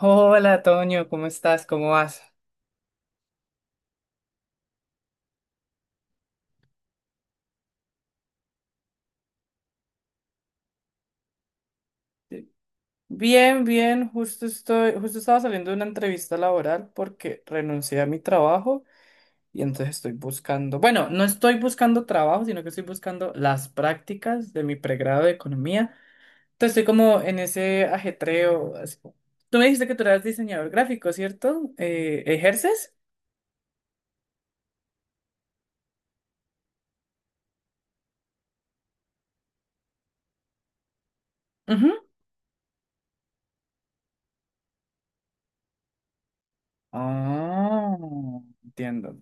Hola, Toño, ¿cómo estás? ¿Cómo vas? Bien, bien, justo estaba saliendo de una entrevista laboral porque renuncié a mi trabajo y entonces bueno, no estoy buscando trabajo, sino que estoy buscando las prácticas de mi pregrado de economía. Entonces estoy como en ese ajetreo, tú me dijiste que tú eras diseñador gráfico, ¿cierto? ¿Ejerces? Ujú. Ah, entiendo.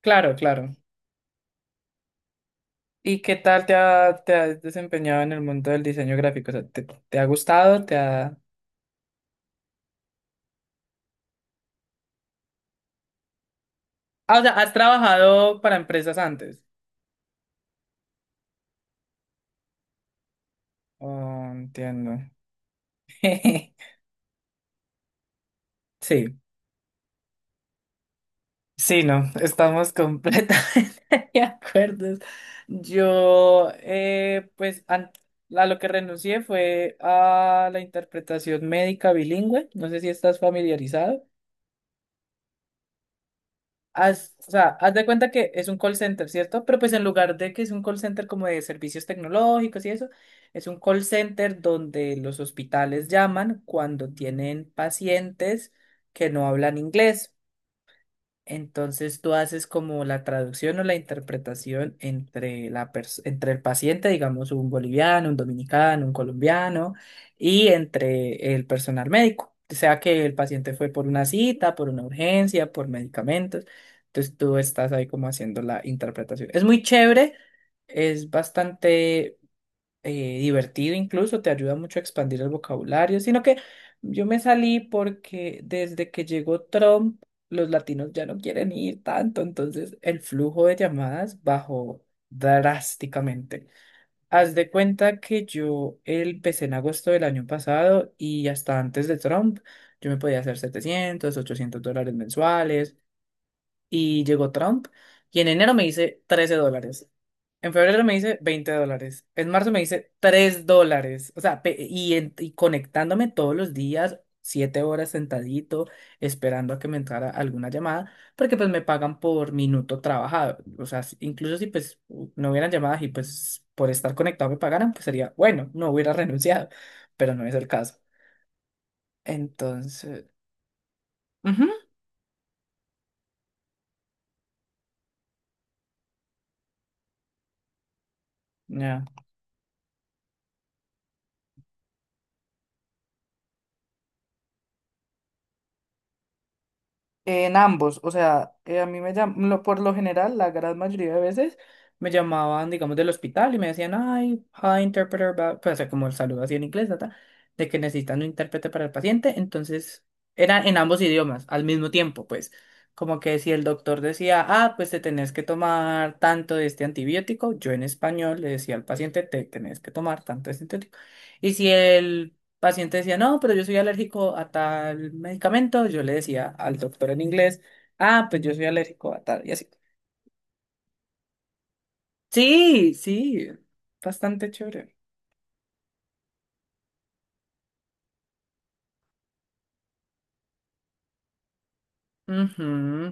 Claro, claro. ¿Y qué tal te has desempeñado en el mundo del diseño gráfico? O sea, ¿te ha gustado? ¿Te ha...? Ah, o sea, ¿has trabajado para empresas antes? Oh, entiendo. Sí, sí, no, estamos completamente de acuerdo. Yo, pues, a lo que renuncié fue a la interpretación médica bilingüe. No sé si estás familiarizado. O sea, haz de cuenta que es un call center, ¿cierto? Pero pues en lugar de que es un call center como de servicios tecnológicos y eso, es un call center donde los hospitales llaman cuando tienen pacientes que no hablan inglés. Entonces tú haces como la traducción o la interpretación entre entre el paciente, digamos un boliviano, un dominicano, un colombiano, y entre el personal médico. O sea que el paciente fue por una cita, por una urgencia, por medicamentos. Entonces tú estás ahí como haciendo la interpretación. Es muy chévere, es bastante divertido incluso, te ayuda mucho a expandir el vocabulario, sino que yo me salí porque desde que llegó Trump, los latinos ya no quieren ir tanto, entonces el flujo de llamadas bajó drásticamente. Haz de cuenta que yo empecé en agosto del año pasado y hasta antes de Trump, yo me podía hacer 700 $800 mensuales y llegó Trump y en enero me hice $13. En febrero me hice $20. En marzo me hice $3. O sea, y conectándome todos los días, 7 horas sentadito, esperando a que me entrara alguna llamada, porque pues me pagan por minuto trabajado. O sea, incluso si pues no hubieran llamadas y pues por estar conectado me pagaran, pues sería, bueno, no hubiera renunciado, pero no es el caso. Entonces, ujú, ya. En ambos, o sea, a mí me llam- por lo general, la gran mayoría de veces me llamaban, digamos, del hospital y me decían, ay, hi, interpreter, bla", pues, o sea, como el saludo así en inglés, ta, ta, de que necesitan un intérprete para el paciente, entonces era en ambos idiomas, al mismo tiempo, pues, como que si el doctor decía, ah, pues te tenés que tomar tanto de este antibiótico, yo en español le decía al paciente, te tenés que tomar tanto de este antibiótico, y si el paciente decía, no, pero yo soy alérgico a tal medicamento, yo le decía al doctor en inglés, ah, pues yo soy alérgico a tal, y así. Sí, sí, bastante chévere. Ujú.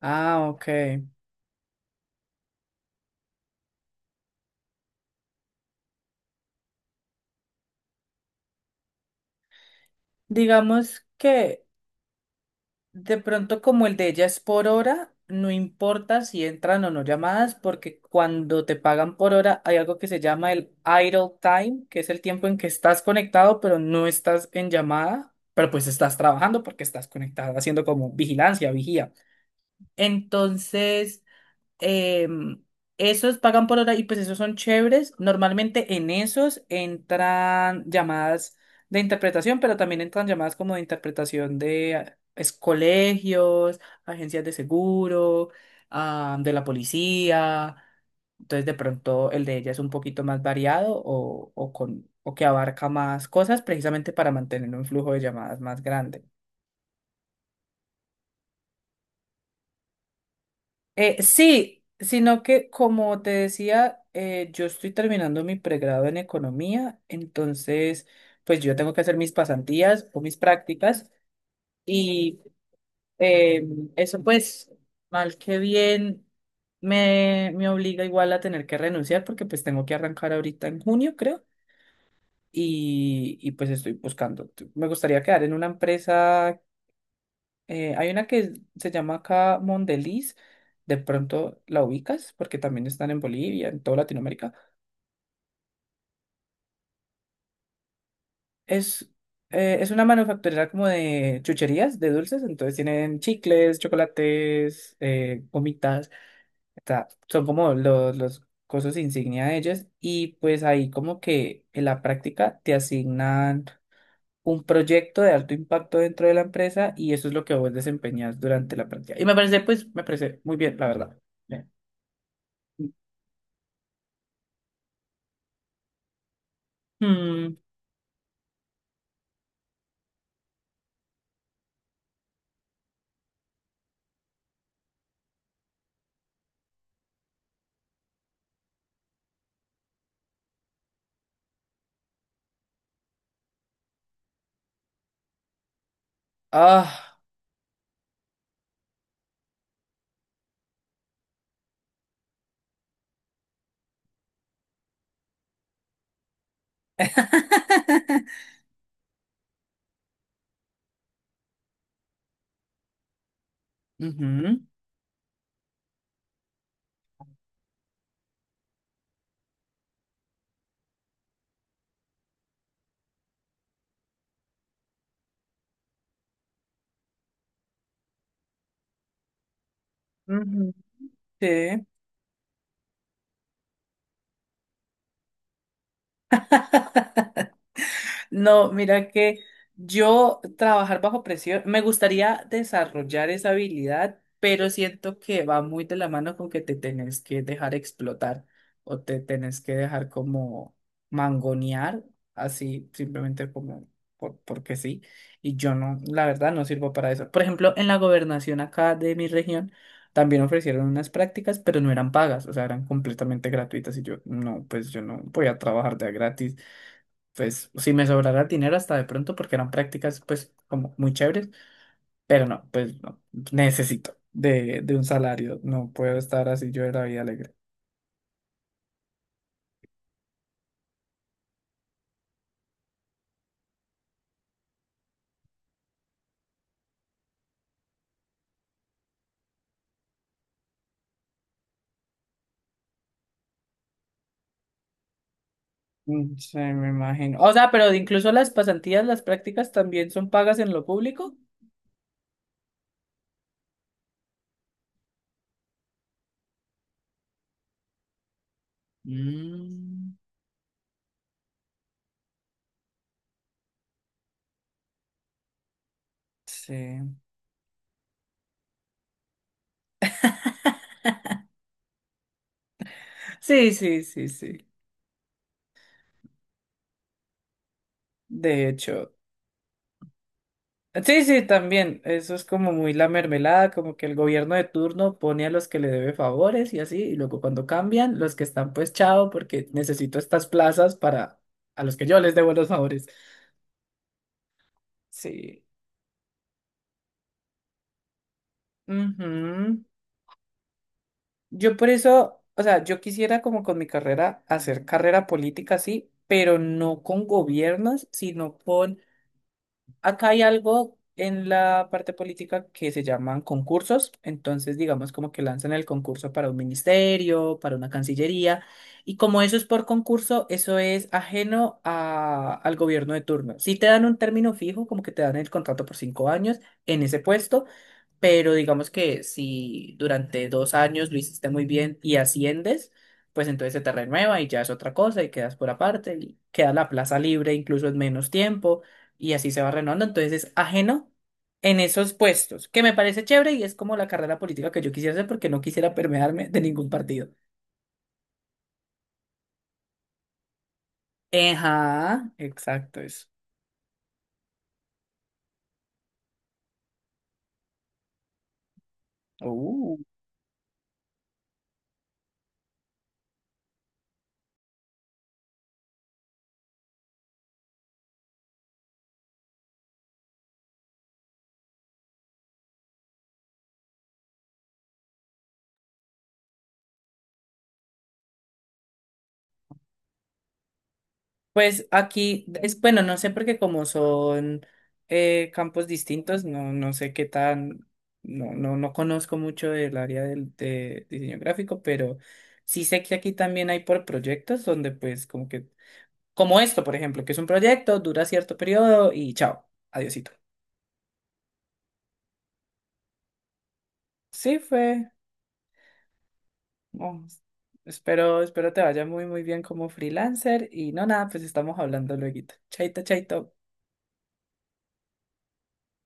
Ah, ok. Digamos que De pronto, como el de ella es por hora, no importa si entran o no llamadas, porque cuando te pagan por hora hay algo que se llama el idle time, que es el tiempo en que estás conectado, pero no estás en llamada, pero pues estás trabajando porque estás conectado, haciendo como vigilancia, vigía. Entonces eh, esos pagan por hora y pues esos son chéveres. Normalmente en esos entran llamadas de interpretación, pero también entran llamadas como de interpretación de colegios, agencias de seguro, ah, de la policía. Entonces de pronto el de ella es un poquito más variado o, con, o que abarca más cosas precisamente para mantener un flujo de llamadas más grande. Sí, sino que como te decía, yo estoy terminando mi pregrado en economía, entonces pues yo tengo que hacer mis pasantías o mis prácticas y eh, eso pues mal que bien me obliga igual a tener que renunciar porque pues tengo que arrancar ahorita en junio creo y pues estoy buscando. Me gustaría quedar en una empresa hay una que se llama acá Mondeliz, de pronto la ubicas, porque también están en Bolivia, en toda Latinoamérica. Es, es una manufacturera como de chucherías, de dulces, entonces tienen chicles, chocolates, gomitas, son como los cosas insignia de ellas, y pues ahí como que en la práctica te asignan un proyecto de alto impacto dentro de la empresa y eso es lo que vos desempeñas durante la práctica. Y me parece, pues, me parece muy bien, la verdad. Bien. Hmm. Ah. Ujú. Ujú. Ujú, sí. No, mira que yo trabajar bajo presión, me gustaría desarrollar esa habilidad, pero siento que va muy de la mano con que te tenés que dejar explotar o te tenés que dejar como mangonear, así simplemente como porque sí. Y yo no, la verdad, no sirvo para eso. Por ejemplo, en la gobernación acá de mi región también ofrecieron unas prácticas, pero no eran pagas, o sea, eran completamente gratuitas y yo no, pues yo no voy a trabajar de a gratis pues si me sobrará dinero hasta de pronto porque eran prácticas pues como muy chéveres, pero no, pues no, necesito de un salario, no puedo estar así yo de la vida alegre. Mm, sí, me imagino. O sea, pero incluso las pasantías, las prácticas también son pagas en lo público. Mm. Sí. Sí, sí, sí, sí. De hecho. Sí, sí, también. Eso es como muy la mermelada, como que el gobierno de turno pone a los que le debe favores y así, y luego cuando cambian, los que están pues chao, porque necesito estas plazas para a los que yo les debo los favores. Sí. Ujú. Yo por eso, o sea, yo quisiera como con mi carrera hacer carrera política, sí, pero no con gobiernos, sino con acá hay algo en la parte política que se llaman concursos, entonces digamos como que lanzan el concurso para un ministerio, para una cancillería, y como eso es por concurso, eso es ajeno al gobierno de turno. Si te dan un término fijo, como que te dan el contrato por 5 años en ese puesto, pero digamos que si durante 2 años lo hiciste muy bien y asciendes, pues entonces se te renueva y ya es otra cosa y quedas por aparte y queda la plaza libre incluso en menos tiempo y así se va renovando. Entonces es ajeno en esos puestos, que me parece chévere y es como la carrera política que yo quisiera hacer porque no quisiera permearme de ningún partido. Ajá, exacto eso. Uh, Pues aquí, bueno, no sé porque como son campos distintos, no, no sé qué tan, no, no, no conozco mucho del área del, de diseño gráfico, pero sí sé que aquí también hay por proyectos donde pues como que como esto, por ejemplo, que es un proyecto, dura cierto periodo y chao, adiosito. Sí, fue. Oh, espero te vaya muy, muy bien como freelancer y no nada, pues estamos hablando luego. Chaito, chaito.